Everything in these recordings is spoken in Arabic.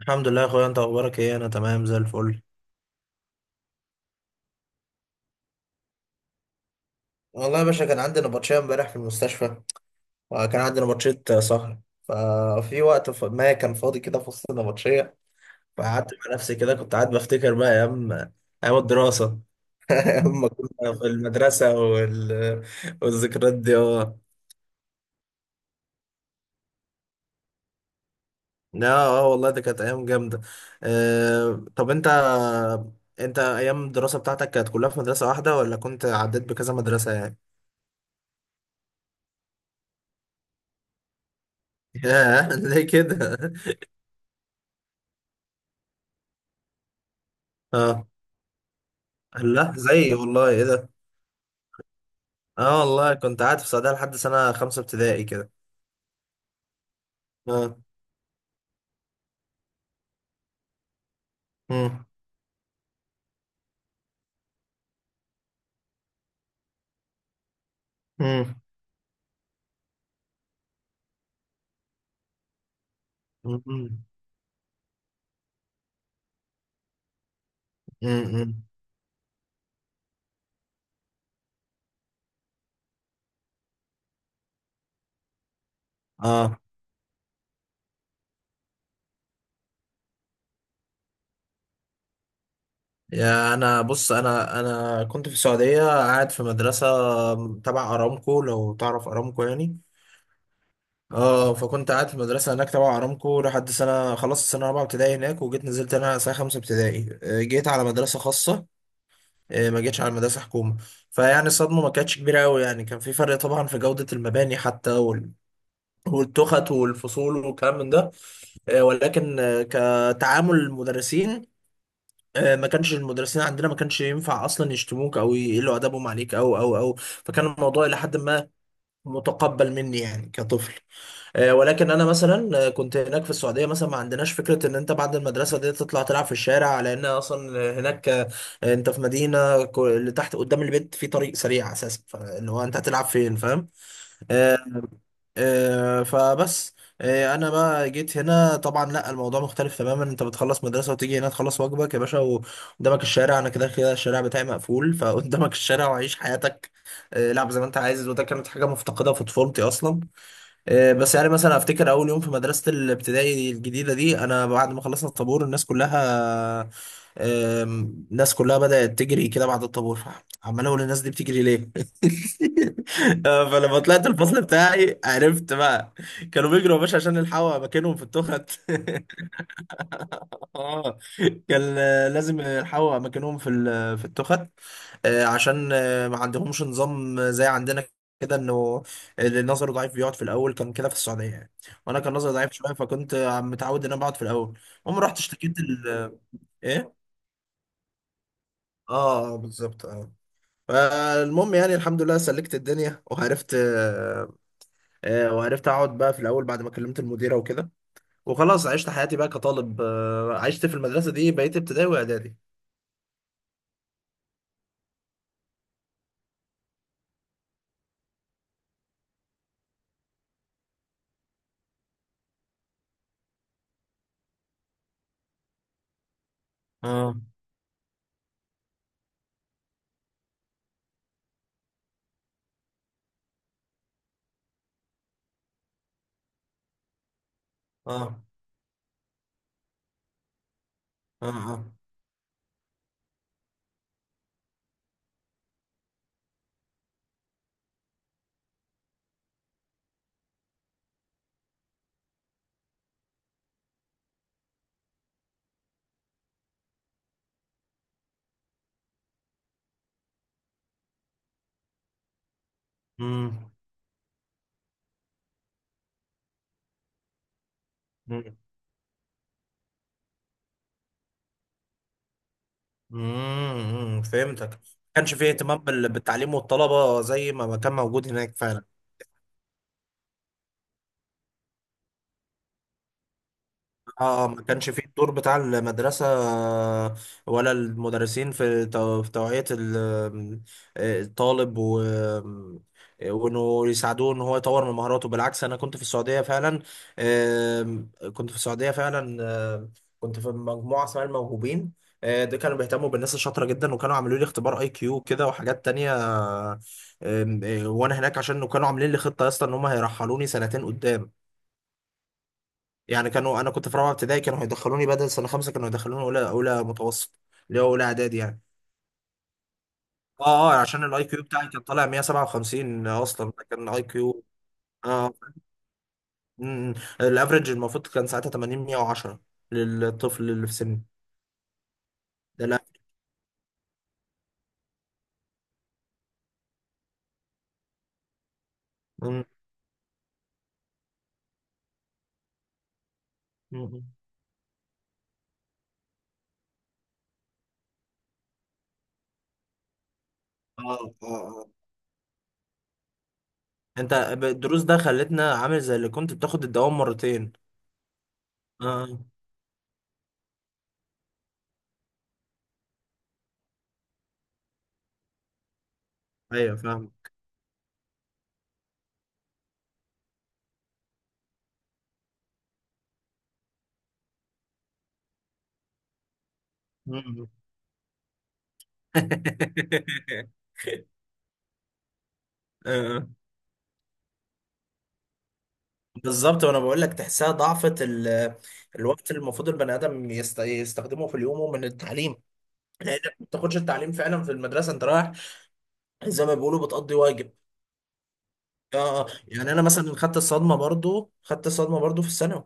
الحمد لله يا اخويا، انت اخبارك ايه؟ انا تمام زي الفل. والله يا باشا كان عندي نبطشية امبارح في المستشفى، وكان عندي نبطشية سهر. ففي وقت ما كان فاضي كده في وسط النبطشية، فقعدت مع نفسي كده، كنت قاعد بفتكر بقى ايام، ايام الدراسة. ايام ما كنا في المدرسة والذكريات دي، اه. لا اه والله ده كانت ايام جامده. أه، طب انت، انت ايام الدراسه بتاعتك كانت كلها في مدرسه واحده، ولا كنت عديت بكذا مدرسه يعني؟ ياه، ليه كده؟ اه، لا زي، والله ايه ده؟ اه والله كنت قاعد في السعودية لحد سنة خمسة ابتدائي كده. اه. مم. مم. مم. مم. اه، يا انا بص، انا كنت في السعودية قاعد في مدرسة تبع ارامكو، لو تعرف ارامكو يعني. اه، فكنت قاعد في مدرسة هناك تبع ارامكو لحد سنة، خلصت سنة رابعة ابتدائي هناك، وجيت نزلت هنا سنة خمسة ابتدائي. جيت على مدرسة خاصة، ما جيتش على مدرسة حكومة. فيعني الصدمة ما كانتش كبيرة أوي يعني، كان في فرق طبعا في جودة المباني حتى، والتخت والفصول والكلام من ده. ولكن كتعامل المدرسين، ما كانش المدرسين عندنا ما كانش ينفع اصلا يشتموك او يقلوا ادبهم عليك او فكان الموضوع الى حد ما متقبل مني يعني كطفل. ولكن انا مثلا كنت هناك في السعوديه مثلا ما عندناش فكره ان انت بعد المدرسه دي تطلع تلعب في الشارع، لان اصلا هناك انت في اللي تحت قدام البيت في طريق سريع اساسا، فاللي هو انت هتلعب فين؟ فاهم؟ آه، آه، فبس آه، انا بقى جيت هنا طبعا لا، الموضوع مختلف تماما. انت بتخلص مدرسه وتيجي هنا تخلص واجبك يا باشا، وقدامك الشارع، انا كده كده الشارع بتاعي مقفول، فقدامك الشارع وعيش حياتك، لعب زي ما انت عايز. وده كانت حاجه مفتقده في طفولتي اصلا. بس يعني مثلا افتكر اول يوم في مدرسه الابتدائي الجديده دي، انا بعد ما خلصنا الطابور، الناس كلها، الناس كلها بدات تجري كده بعد الطابور، عمال اقول الناس دي بتجري ليه. فلما طلعت الفصل بتاعي عرفت بقى، كانوا بيجروا يا باشا عشان يلحقوا اماكنهم في التخت. اه، كان لازم يلحقوا اماكنهم في في التخت، عشان ما عندهمش نظام زي عندنا كده، انه اللي نظره ضعيف بيقعد في الاول، كان كده في السعوديه يعني. وانا كان نظري ضعيف شويه، فكنت متعود ان انا بقعد في الاول. المهم رحت اشتكيت ال... آه، ايه اه، بالظبط اه. فالمهم يعني الحمد لله سلكت الدنيا وعرفت، وعرفت اقعد بقى في الاول بعد ما كلمت المديره وكده، وخلاص عشت حياتي بقى كطالب، عشت في المدرسه دي بقيت ابتدائي واعدادي. اه اه اه اه. امم. امم، فهمتك. ما كانش فيه اهتمام بالتعليم والطلبة زي ما ما كان موجود هناك فعلا. اه، ما كانش فيه الدور بتاع المدرسة ولا المدرسين في في توعية الطالب و وانه يساعدوه ان هو يطور من مهاراته. بالعكس، انا كنت في السعودية فعلا، كنت في السعودية فعلا، آم، كنت في مجموعة اسمها الموهوبين، ده كانوا بيهتموا بالناس الشاطرة جدا، وكانوا عاملوا لي اختبار اي كيو كده وحاجات تانية. آم، آه، وانا هناك عشان كانوا عاملين لي خطة يا اسطى ان هم هيرحلوني سنتين قدام. يعني كانوا، انا كنت في رابعه ابتدائي، كانوا هيدخلوني بدل سنه خمسه كانوا هيدخلوني اولى، اولى متوسط، اللي هو اولى اعدادي يعني. اه اه، عشان الاي كيو بتاعي كان طالع 157 اصلا، ده كان اي كيو. اه. أمم. الافرج المفروض كان ساعتها 80 110 للطفل اللي في سني. ده لا. أمم. أمم. اه اه اه، انت الدروس ده خلتنا عامل زي اللي كنت بتاخد الدوام مرتين. اه آه. ايوه فاهم. أمم. آه. آه. بالظبط، وانا بقول لك تحسها ضعفة الوقت اللي المفروض البني ادم يستخدمه في اليوم من التعليم، لانك ما بتاخدش التعليم فعلا في المدرسه، انت رايح زي ما بيقولوا بتقضي واجب. اه آه. يعني انا مثلا خدت الصدمه برضو، خدت الصدمه برضو في الثانوي.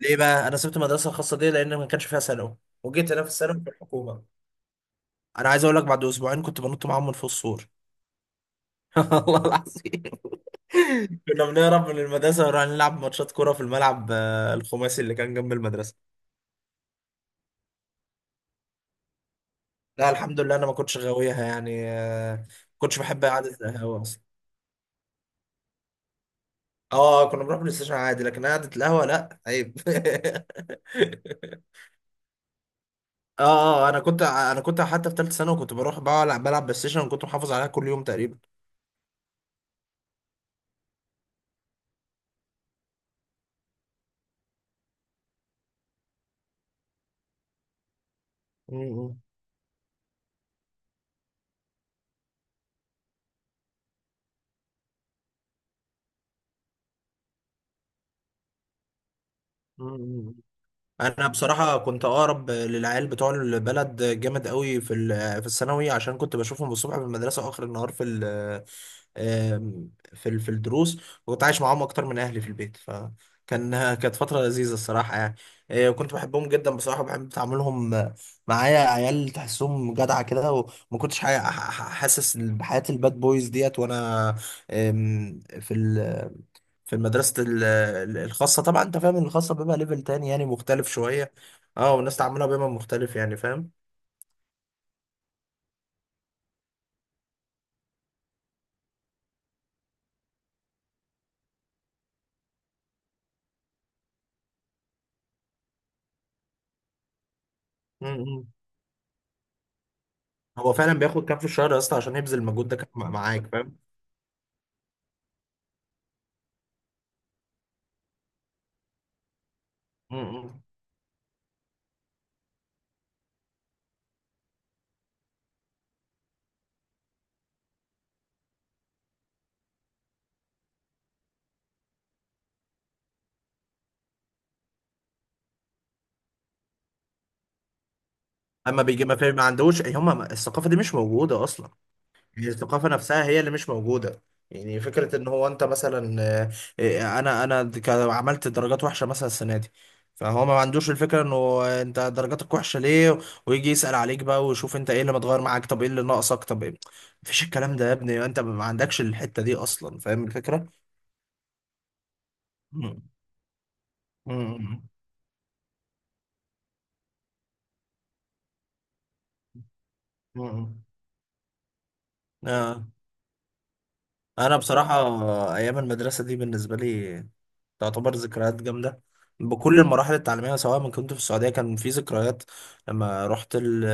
ليه بقى انا سبت المدرسه الخاصه دي؟ لان ما كانش فيها ثانوي، وجيت انا في الثانوي في الحكومه. انا عايز اقول لك بعد اسبوعين كنت بنط معاهم من فوق السور. والله العظيم. كنا بنهرب من المدرسه ونروح نلعب ماتشات كوره في الملعب، الخماسي اللي كان جنب المدرسه. لا الحمد لله انا ما كنتش غاويها يعني، ما كنتش بحب قعده القهوه اصلا. اه، كنا بنروح بلاي ستيشن عادي، لكن قعده القهوه لا عيب. اه اه، انا كنت حتى في ثالثه ثانوي كنت بروح بقى بلعب بلاي ستيشن، وكنت محافظ عليها كل يوم تقريبا. م- م- م- انا بصراحه كنت اقرب للعيال بتوع البلد جامد قوي في الثانوي، عشان كنت بشوفهم الصبح في المدرسه واخر النهار في ال، في الدروس، وكنت عايش معاهم اكتر من اهلي في البيت، فكان كانت فتره لذيذه الصراحه يعني. وكنت بحبهم جدا بصراحه، بحب تعاملهم معايا. عيال تحسهم جدعه كده، وما كنتش حاسس بحياه الباد بويز ديت. وانا آم، في ال في المدرسة الخاصة طبعا انت فاهم ان الخاصة بيبقى ليفل تاني يعني مختلف شوية. اه، والناس تعاملها بيبقى مختلف يعني، فاهم؟ م- م. هو فعلا بياخد كام في الشهر يا اسطى عشان يبذل المجهود ده كان معاك؟ فاهم؟ م- م. اما بيجي ما فاهم، ما عندوش هم، الثقافة دي مش موجودة اصلا. هي الثقافة نفسها هي اللي مش موجودة. يعني فكرة ان هو انت مثلا انا انا عملت درجات وحشة مثلا السنة دي، فهو ما عندوش الفكرة انه انت درجاتك وحشة ليه، ويجي يسأل عليك بقى ويشوف انت ايه اللي متغير معاك، طب ايه اللي ناقصك، طب ايه؟ مفيش الكلام ده يا ابني، انت ما عندكش الحتة دي اصلا، فاهم الفكرة؟ مم. مم. مم. آه. انا بصراحة ايام المدرسة دي بالنسبة لي تعتبر ذكريات جامدة، بكل المراحل التعليمية، سواء ما كنت في السعودية كان في ذكريات، لما رحت ال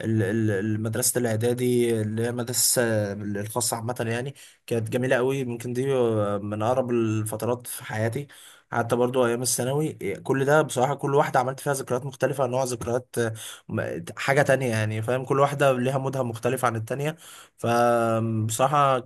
ال- ال- المدرسة الإعدادي، اللي هي المدرسة الخاصة عامة يعني، كانت جميلة قوي. يمكن دي من أقرب الفترات في حياتي. حتى برضو أيام الثانوي، كل ده بصراحة كل واحدة عملت فيها ذكريات مختلفة، نوع ذكريات حاجة تانية يعني، فاهم؟ كل واحدة ليها مودها مختلف عن التانية. فبصراحة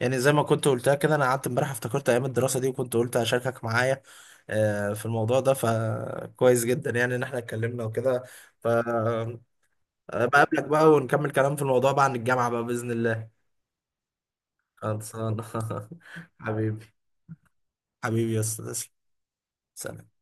يعني زي ما كنت قلتها كده، انا قعدت امبارح افتكرت ايام الدراسه دي، وكنت قلت اشاركك معايا في الموضوع ده. فكويس جدا يعني ان احنا اتكلمنا وكده. فبقابلك بقى ونكمل كلام في الموضوع بعد الجامعه بقى باذن الله. خلصان. حبيبي، حبيبي يا استاذ. سلام.